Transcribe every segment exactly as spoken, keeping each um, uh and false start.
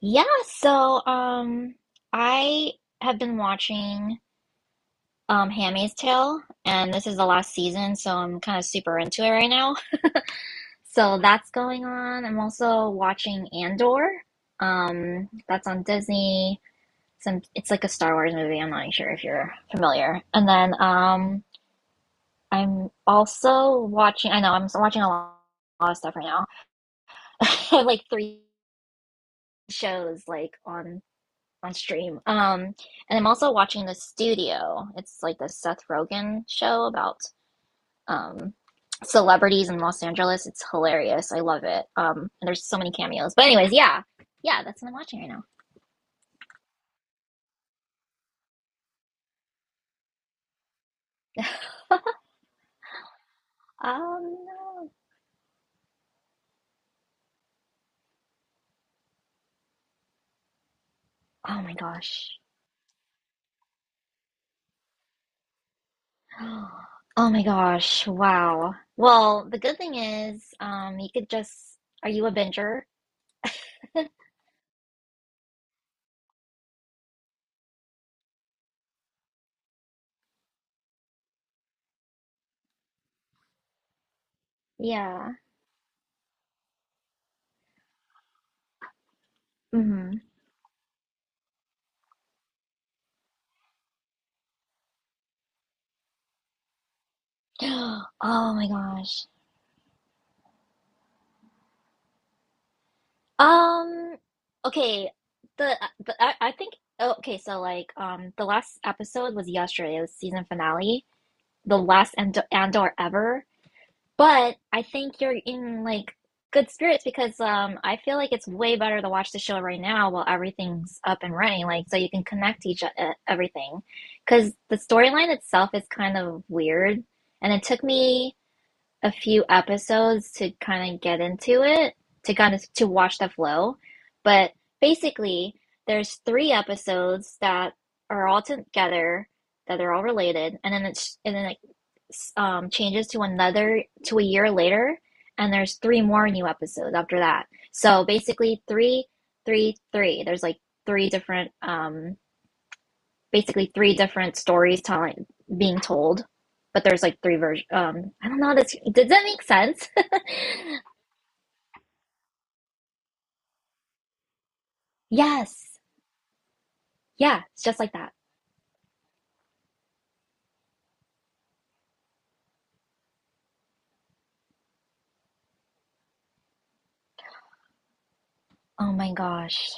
Yeah, so um I have been watching um Handmaid's Tale, and this is the last season, so I'm kind of super into it right now. So that's going on. I'm also watching Andor. Um that's on Disney. Some it's like a Star Wars movie. I'm not sure if you're familiar. And then um I'm also watching, I know I'm watching a lot, lot of stuff right now. I have like three shows like on on stream. Um, and I'm also watching The Studio. It's like the Seth Rogen show about um celebrities in Los Angeles. It's hilarious. I love it. Um, and there's so many cameos. But anyways, yeah, yeah, that's what I'm watching right now. Um, oh my gosh. Oh my gosh. Wow. Well, the good thing is, um, you could just. Are you a binger? Yeah. Mm-hmm. Oh my gosh. Um, okay, the uh, the I, I think oh, okay, so like um the last episode was yesterday, it was season finale, the last Andor Andor ever. But I think you're in like good spirits because um I feel like it's way better to watch the show right now while everything's up and running, like so you can connect to each uh, everything. Because the storyline itself is kind of weird, and it took me a few episodes to kind of get into it, to kind of to watch the flow. But basically, there's three episodes that are all together, that are all related, and then it's and then it um, changes to another to a year later, and there's three more new episodes after that. So basically, three, three, three. There's like three different, um, basically three different stories telling being told, but there's like three versions. Um, I don't know. This Does that make sense? Yes. Yeah, it's just like that. Oh my gosh.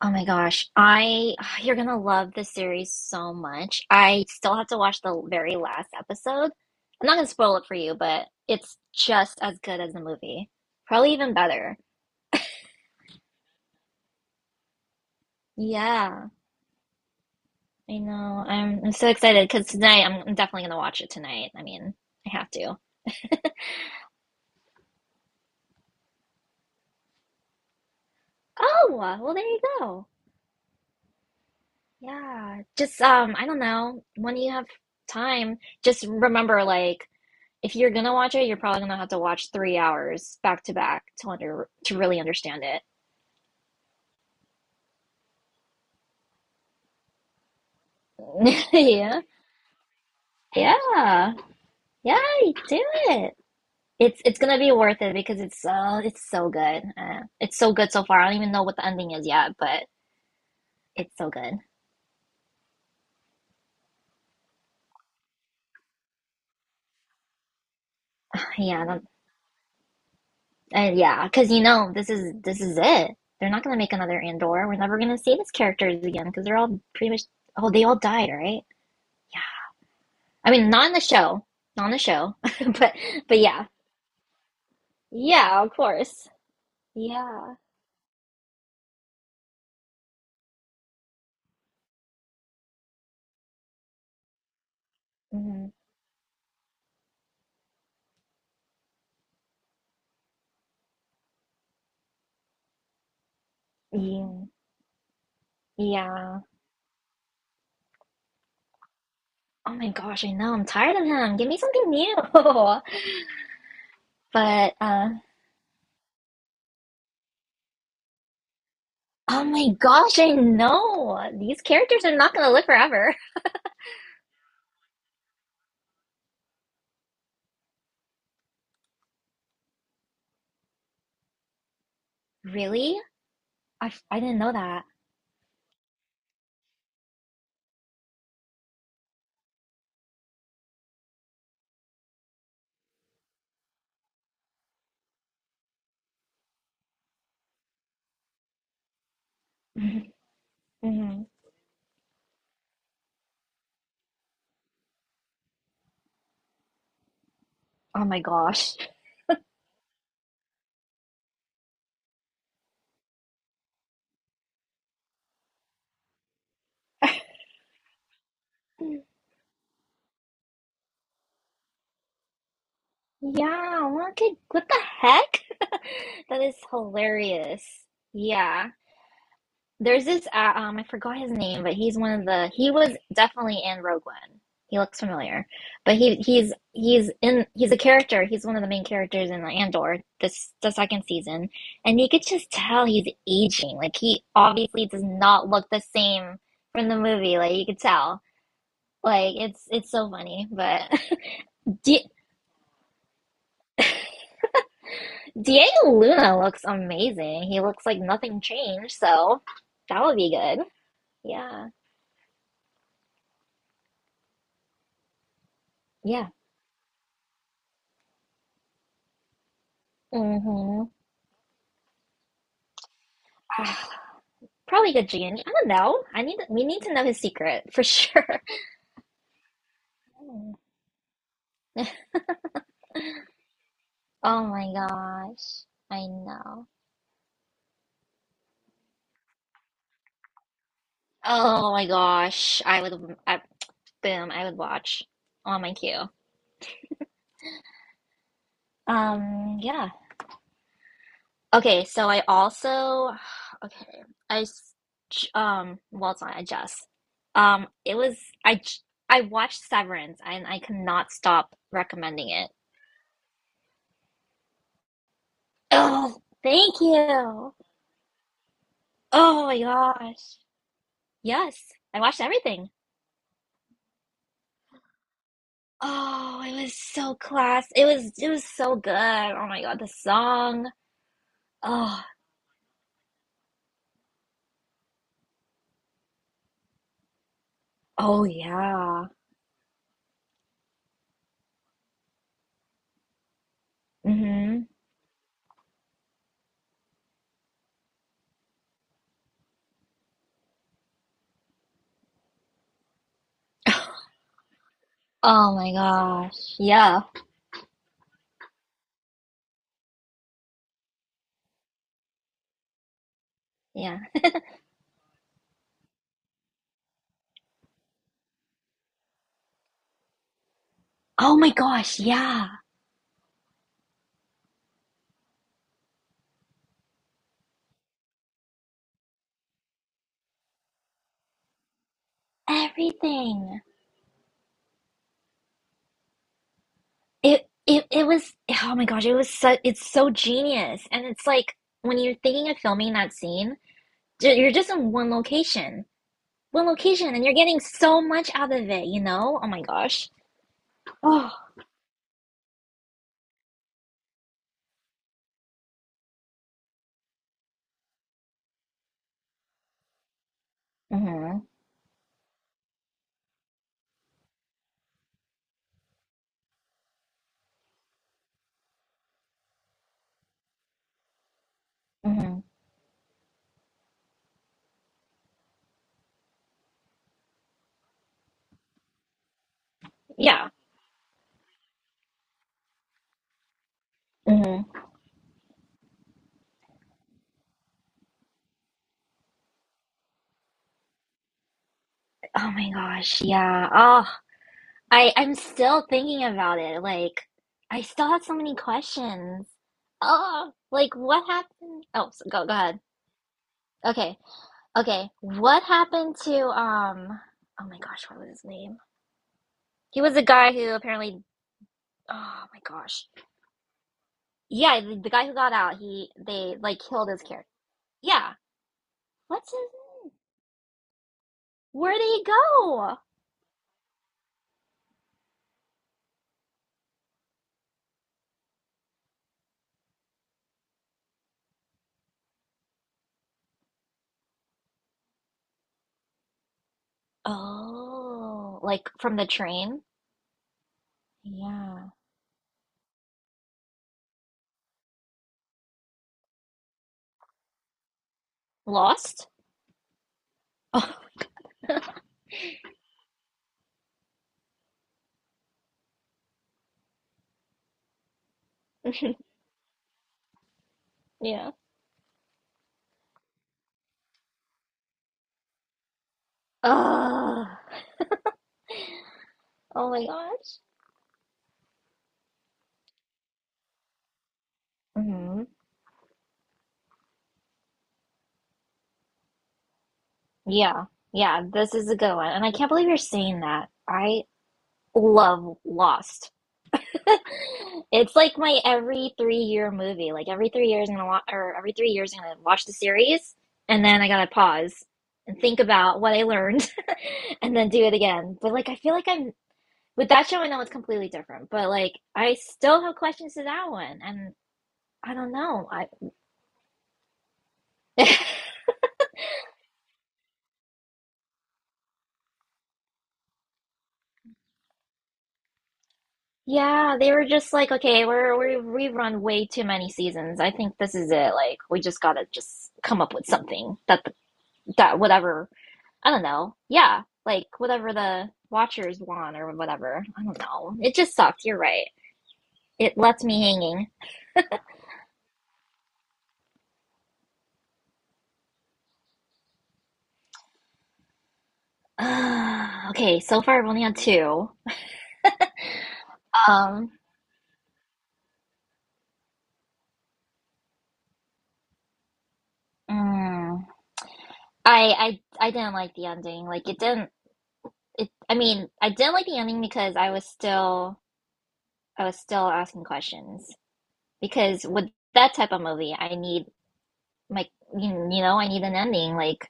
Oh my gosh. I you're gonna love this series so much. I still have to watch the very last episode. I'm not gonna spoil it for you, but it's just as good as the movie. Probably even better. Yeah, I know. I'm I'm so excited because tonight I'm, I'm definitely gonna watch it tonight. I mean, I have to. Oh, well there you go. Yeah. Just um, I don't know. When you have time, just remember, like if you're gonna watch it, you're probably gonna have to watch three hours back to back to under to really understand it. Yeah, yeah, yeah. You do it. It's it's gonna be worth it because it's so it's so good. Uh, it's so good so far. I don't even know what the ending is yet, but it's so good. Yeah, uh, yeah. Because you know, this is this is it. They're not gonna make another Andor. We're never gonna see these characters again because they're all pretty much oh, they all died, right. Yeah. I mean, not in the show, not in the show, but but yeah, yeah, of course. Yeah. Mm, yeah, yeah. Oh my gosh, I know. I'm tired of him. Give me something new. But uh, oh my gosh, I know. These characters are not gonna live forever. Really? I, f- I didn't know that. Hmm. Oh my gosh. Yeah, what, could, what the heck? That is hilarious. Yeah. There's this uh, um I forgot his name, but he's one of the he was definitely in Rogue One. He looks familiar. But he he's he's in he's a character. He's one of the main characters in Andor this the second season. And you could just tell he's aging. Like he obviously does not look the same from the movie. Like you could tell. Like it's it's so funny, but Di Diego Luna looks amazing. He looks like nothing changed, so that would be good. Yeah. Yeah. Mm-hmm. Probably the genie. I don't know. I need We need to know his secret for sure. Mm. Oh my gosh. I know. Oh my gosh. I would I, boom, I would watch on my queue. Um yeah. Okay, so I also okay. I s- j- um well it's not I just um it was I j- I watched Severance, and I cannot stop recommending it. Oh, thank you. Oh my gosh. Yes, I watched everything. Oh, it was so class. It was it was so good. Oh my God, the song. Oh, oh yeah. Mm-hmm. Oh my gosh. Yeah. Yeah. Oh my gosh, yeah. Everything. It it it was oh my gosh, it was so it's so genius. And it's like when you're thinking of filming that scene, ju- you're just in one location. One location, and you're getting so much out of it, you know? Oh my gosh. Oh. Mm-hmm. Mm-hmm. Yeah. Mhm. Oh my gosh, yeah. Oh, I I'm still thinking about it. Like, I still have so many questions. Oh, like what happened? Oh, so go go ahead. Okay, okay. What happened to um? Oh my gosh, what was his name? He was the guy who apparently. Oh my gosh. Yeah, the, the guy who got out. He, they like killed his character. Yeah. What's his name? Where did he go? Oh, like from the train? Yeah. Lost? Oh. Yeah. Ugh. Oh my gosh. Hmm. Yeah. Yeah, this is a good one. And I can't believe you're saying that. I love Lost. It's like my every three year movie. Like every three years I'm gonna watch, or every three years I'm gonna watch the series, and then I gotta pause and think about what I learned and then do it again. But like I feel like I'm with that show, I know it's completely different, but like I still have questions to that one, and I don't know. I yeah, they were just like, okay, we're we we've run way too many seasons. I think this is it. Like, we just gotta just come up with something that the, that whatever, I don't know. Yeah, like whatever the watchers want or whatever. I don't know. It just sucked. You're right. It left me hanging. Okay, so far I've only had two. Um, mm, I I I didn't like the ending. Like, it didn't. It. I mean, I didn't like the ending because I was still I was still asking questions. Because with that type of movie, I need my, you you know, I need an ending, like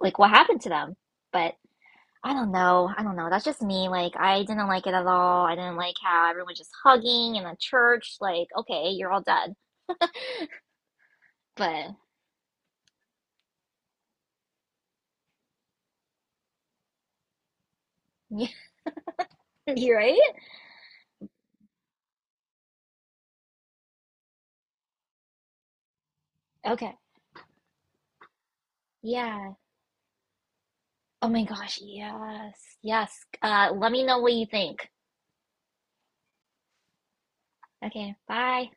like what happened to them, but I don't know, I don't know, that's just me, like I didn't like it at all, I didn't like how everyone was just hugging in the church, like okay, you're all dead, but you're right. Okay, yeah, oh my gosh, yes, yes, uh let me know what you think. Okay, bye.